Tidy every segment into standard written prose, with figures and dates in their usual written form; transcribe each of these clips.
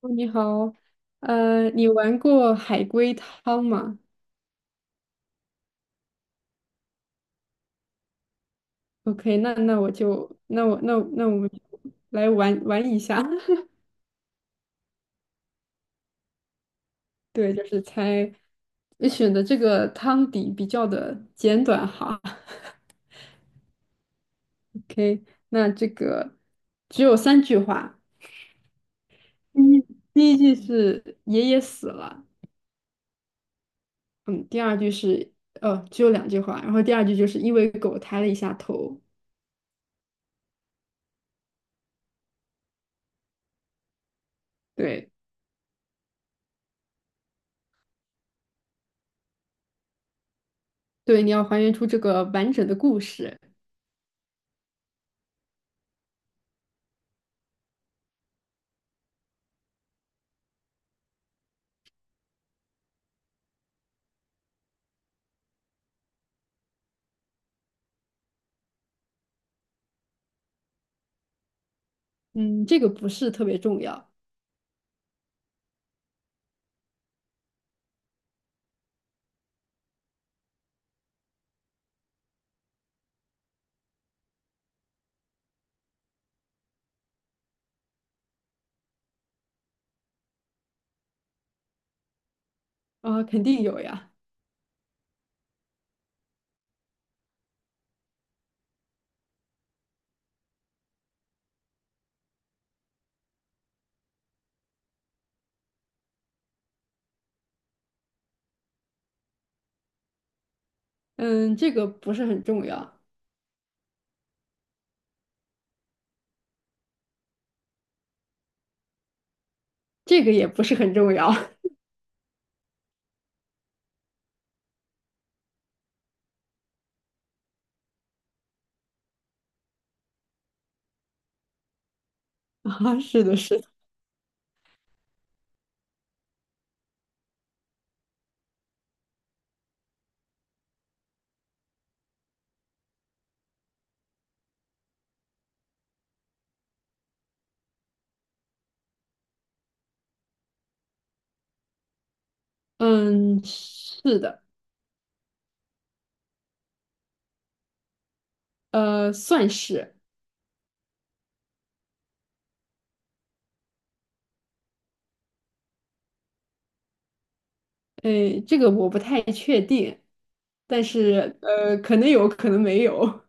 哦你好，你玩过海龟汤吗？OK，那我们就来玩一下，对，就是猜，你选的这个汤底比较的简短哈。OK,那这个只有三句话，第一第一句是爷爷死了。嗯，第二句是只有两句话，然后第二句就是因为狗抬了一下头。对对，你要还原出这个完整的故事。嗯，这个不是特别重要。啊，肯定有呀。嗯，这个不是很重要，这个也不是很重要。 啊，是的，是的。嗯，是的。算是。哎，这个我不太确定，但是可能有可能没有。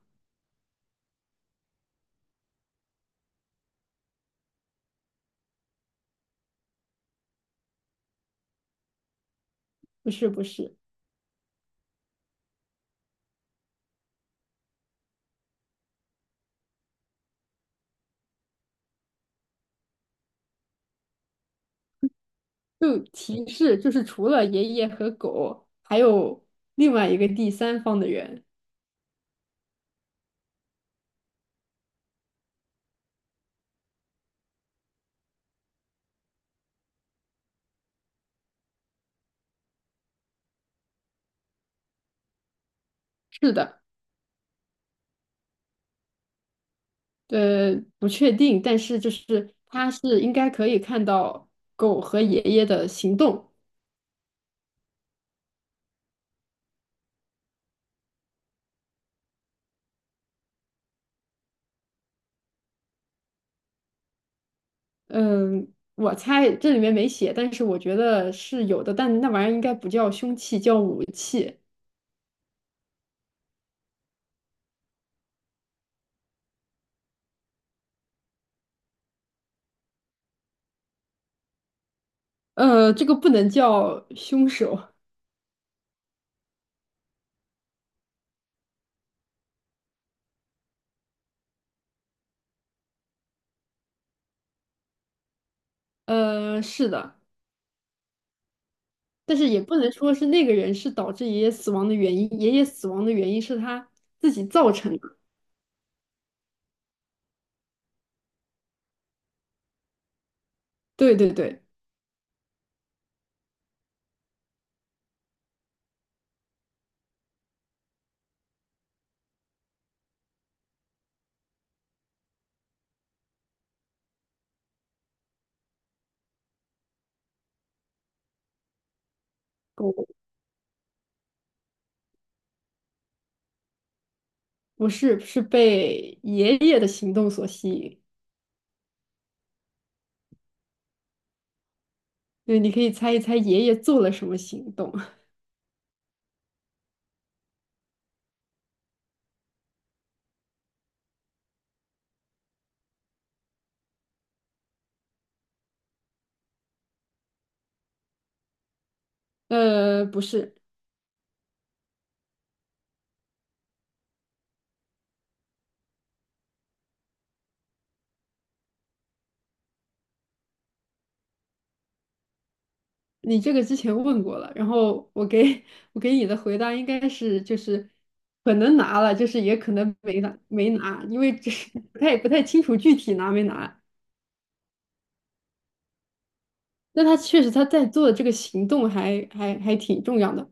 不是不是，就提示就是除了爷爷和狗，还有另外一个第三方的人。是的。不确定，但是就是它是应该可以看到狗和爷爷的行动。嗯，我猜这里面没写，但是我觉得是有的，但那玩意儿应该不叫凶器，叫武器。这个不能叫凶手。是的，但是也不能说是那个人是导致爷爷死亡的原因，爷爷死亡的原因是他自己造成的。对，狗不是，是被爷爷的行动所吸引。对，你可以猜一猜爷爷做了什么行动。不是，你这个之前问过了，然后我给 我给你的回答应该是就是可能拿了，就是也可能没拿，因为这是 不太清楚具体拿没拿。那他确实他在做的这个行动还挺重要的。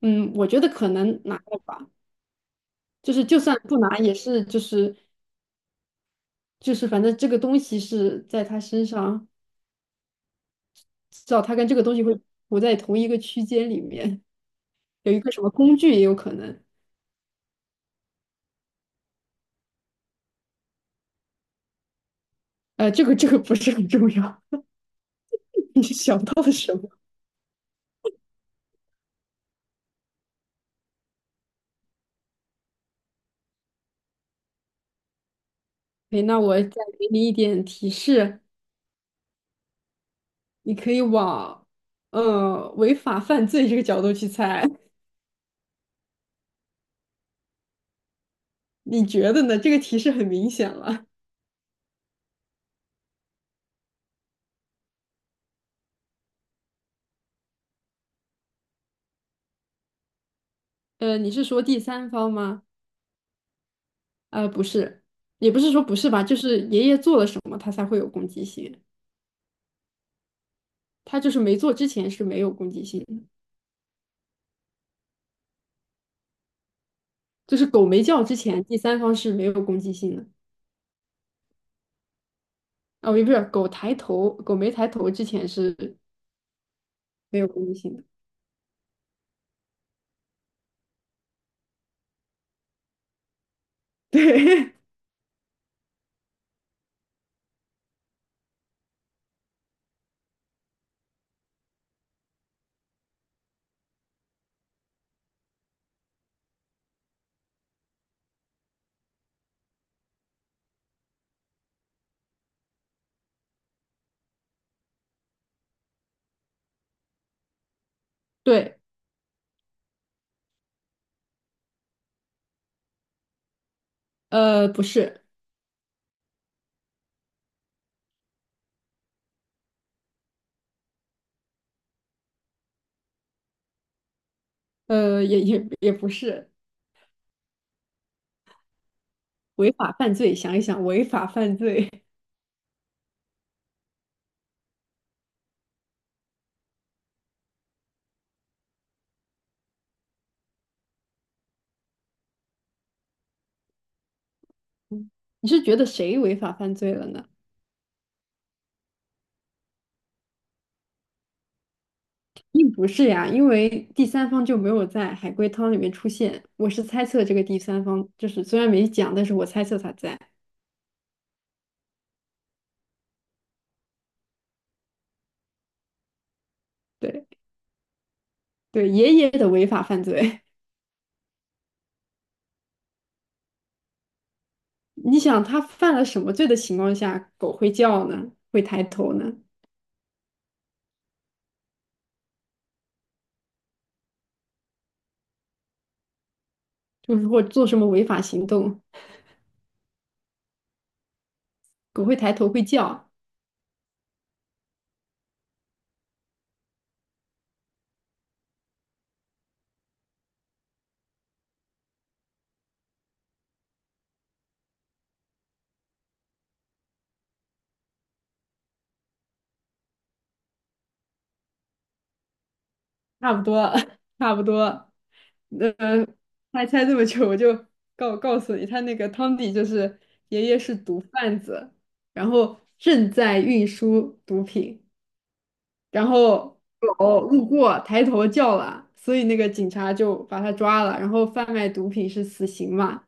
嗯，我觉得可能拿了吧，就是就算不拿也是就是反正这个东西是在他身上，至少他跟这个东西会不在同一个区间里面。有一个什么工具也有可能。这个不是很重要。你想到了什么？哎，那我再给你一点提示，你可以往违法犯罪这个角度去猜。你觉得呢？这个提示很明显了。你是说第三方吗？不是，也不是说不是吧，就是爷爷做了什么，他才会有攻击性。他就是没做之前是没有攻击性的，就是狗没叫之前，第三方是没有攻击性的。哦，也不是，狗抬头，狗没抬头之前是没有攻击性的。对对，不是，也不是违法犯罪。想一想，违法犯罪。你是觉得谁违法犯罪了呢？并不是呀，因为第三方就没有在海龟汤里面出现。我是猜测这个第三方，就是虽然没讲，但是我猜测他在。对对，爷爷的违法犯罪。你想他犯了什么罪的情况下，狗会叫呢？会抬头呢？就是或做什么违法行动，狗会抬头会叫。差不多。差不多。呃，还猜这么久，我就告诉你，他那个汤底就是爷爷是毒贩子，然后正在运输毒品，然后狗路过抬头叫了，所以那个警察就把他抓了，然后贩卖毒品是死刑嘛。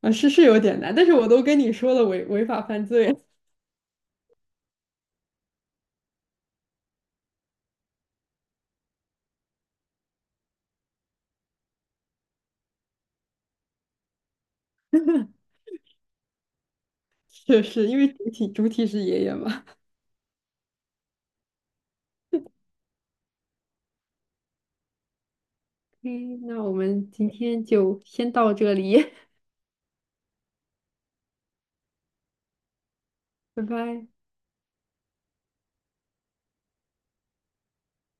啊，是是有点难，但是我都跟你说了违法犯罪，是是，因为主体是爷爷嘛。嗯，那我们今天就先到这里。拜拜。